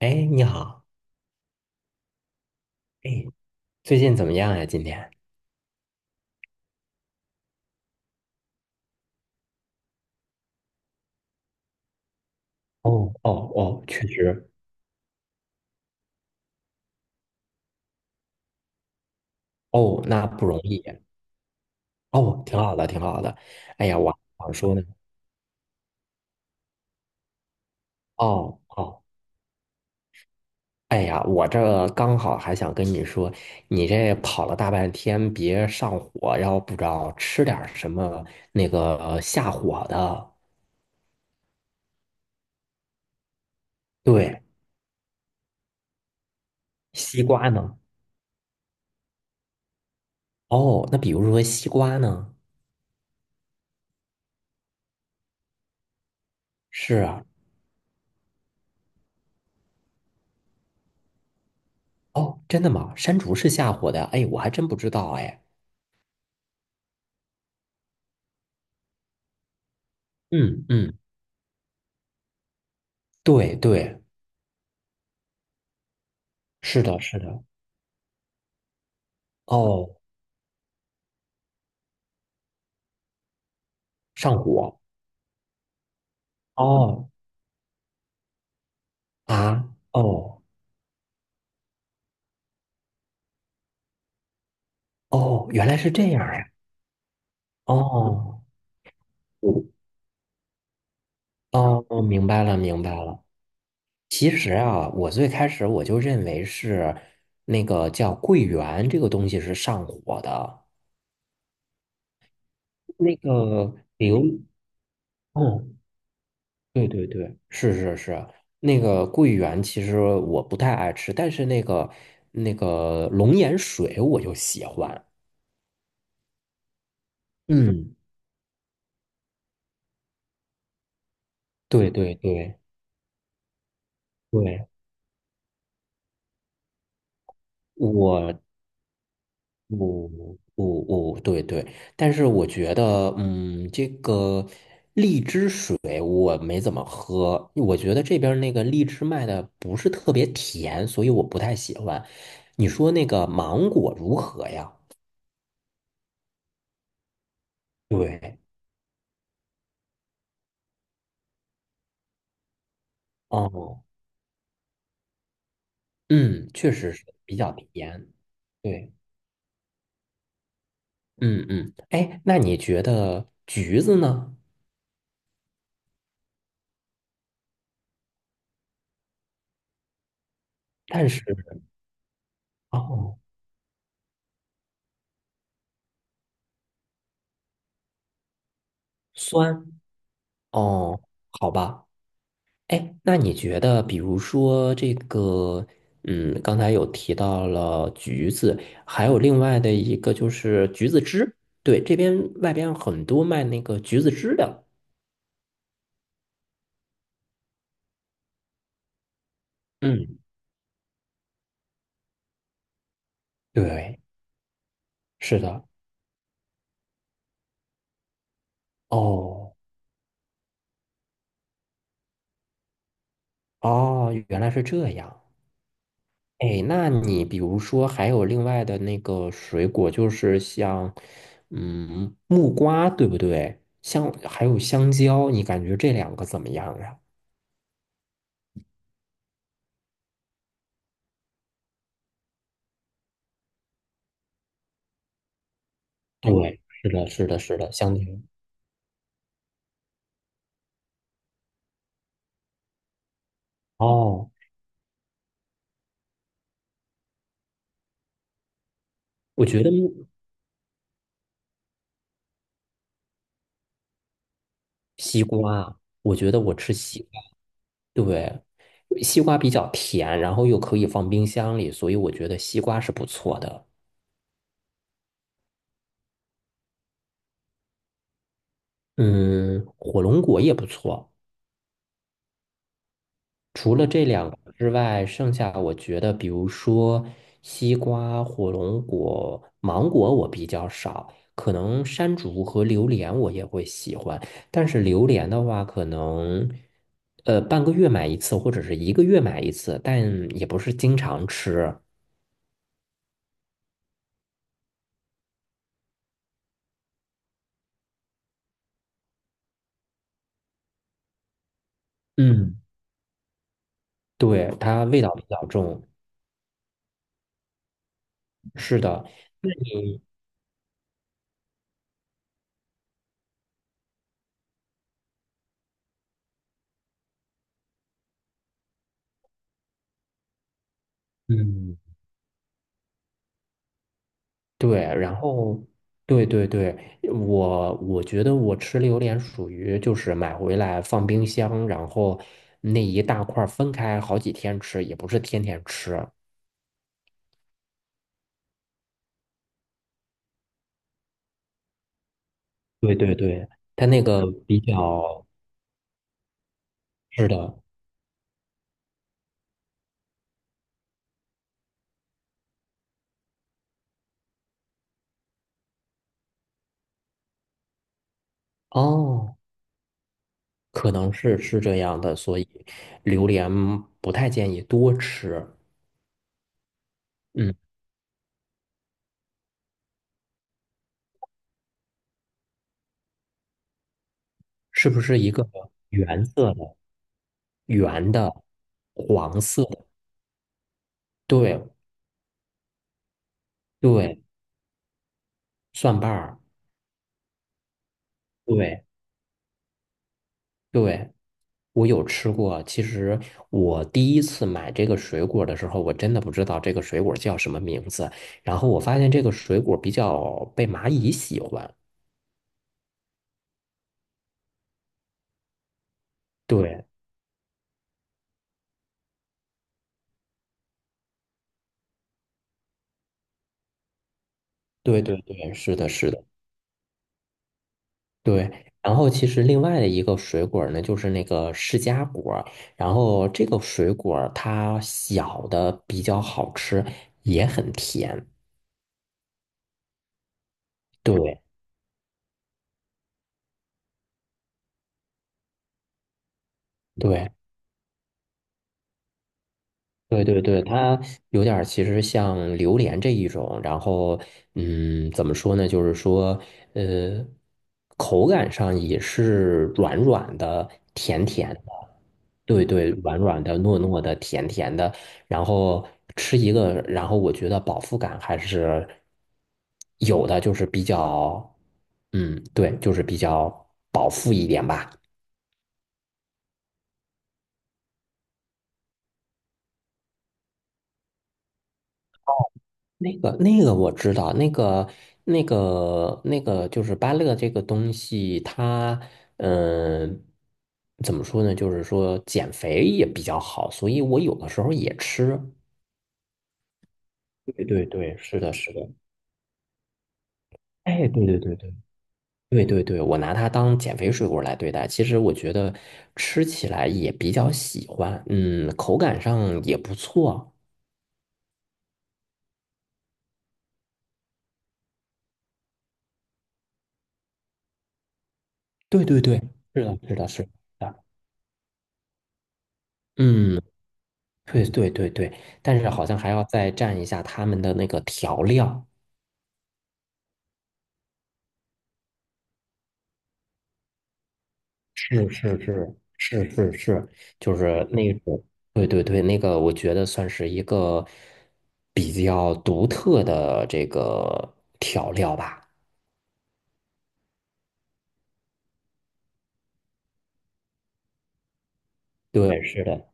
哎，你好，哎，最近怎么样呀？今天？哦哦哦，确实，哦，那不容易，哦，挺好的，挺好的。哎呀，我 想说呢，哦哦，哎呀，我这刚好还想跟你说，你这跑了大半天，别上火，要不着吃点儿什么那个下火的。对，西瓜呢？哦，那比如说西瓜呢？是啊，哦，真的吗？山竹是下火的？哎，我还真不知道，哎，嗯嗯对对，是的，是的。哦，上火。哦啊，哦哦，原来是这样呀。哦，我哦，明白了，明白了。其实啊，我最开始我就认为是那个叫桂圆这个东西是上火的，那个刘，嗯，对对对，是是是，那个桂圆其实我不太爱吃，但是那个龙眼水我就喜欢。嗯，对对对。对，我，我，我，我，对对，但是我觉得，嗯，这个荔枝水我没怎么喝，我觉得这边儿那个荔枝卖的不是特别甜，所以我不太喜欢。你说那个芒果如何呀？对，哦，嗯，确实是比较甜。对，嗯嗯，哎，那你觉得橘子呢？但是，哦，酸，哦，好吧。哎，那你觉得，比如说这个，嗯，刚才有提到了橘子，还有另外的一个就是橘子汁，对，这边外边很多卖那个橘子汁的。嗯，对，是的。哦，哦，原来是这样。哎，那你比如说还有另外的那个水果，就是像，嗯，木瓜，对不对？还有香蕉，你感觉这两个怎么样呀？对，是的，是的，是的，香蕉。哦，我觉得我觉得我吃西瓜，对，西瓜比较甜，然后又可以放冰箱里，所以我觉得西瓜是不错的。嗯，火龙果也不错。除了这两个之外，剩下我觉得，比如说西瓜、火龙果、芒果，我比较少。可能山竹和榴莲我也会喜欢，但是榴莲的话，可能半个月买一次，或者是一个月买一次，但也不是经常吃。嗯，对，它味道比较重。是的，嗯，对，然后对对对，我觉得我吃榴莲属于就是买回来放冰箱，然后那一大块儿分开好几天吃，也不是天天吃。对对对，它那个比较是的哦，可能是这样的，所以榴莲不太建议多吃。嗯，是不是一个原色的、圆的、黄色的？对对，蒜瓣儿。对。对，我有吃过。其实我第一次买这个水果的时候，我真的不知道这个水果叫什么名字。然后我发现这个水果比较被蚂蚁喜欢。对，对对对，是的，是的，对。然后其实另外的一个水果呢，就是那个释迦果。然后这个水果它小的比较好吃，也很甜。对对，对对对，它有点儿其实像榴莲这一种，然后嗯，怎么说呢？就是说，呃，口感上也是软软的、甜甜的，对对，软软的、糯糯的、甜甜的，然后吃一个，然后我觉得饱腹感还是有的，就是比较，嗯，对，就是比较饱腹一点吧。那个我知道，那个就是芭乐这个东西，它嗯、怎么说呢？就是说减肥也比较好，所以我有的时候也吃。对对对，是的，是的。哎，对对对对对对对，我拿它当减肥水果来对待，其实我觉得吃起来也比较喜欢，嗯，口感上也不错。对对对，是的，是的，是的。嗯。对对对对，但是好像还要再蘸一下他们的那个调料。是是是是是是，就是那种，对对对，那个我觉得算是一个比较独特的这个调料吧。对，是的，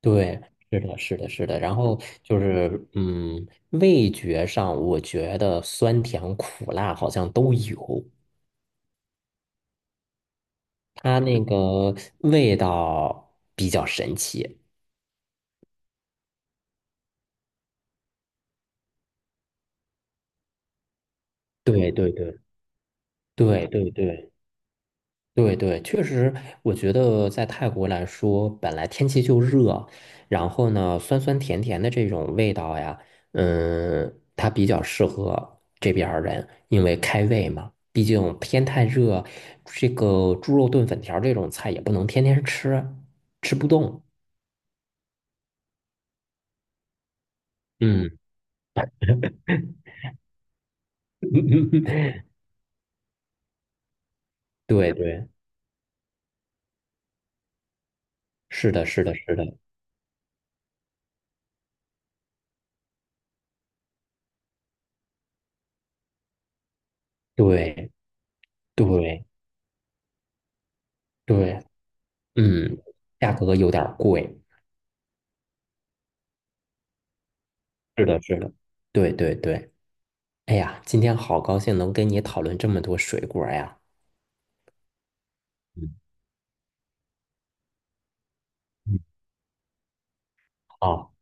对，是的，是的，是的。然后就是，味觉上我觉得酸甜苦辣好像都有，它那个味道比较神奇。对对对。对对对对对，确实，我觉得在泰国来说，本来天气就热，然后呢，酸酸甜甜的这种味道呀，它比较适合这边儿人，因为开胃嘛。毕竟天太热，这个猪肉炖粉条儿这种菜也不能天天吃，吃不动。嗯，对对，是的，是的，是的，对对对，嗯，价格有点儿贵。是的，是的，对对对。哎呀，今天好高兴能跟你讨论这么多水果呀！嗯嗯，好，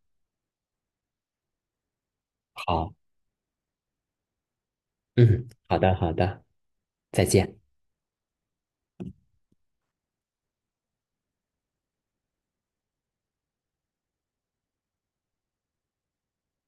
好，嗯，好的，好的，再见。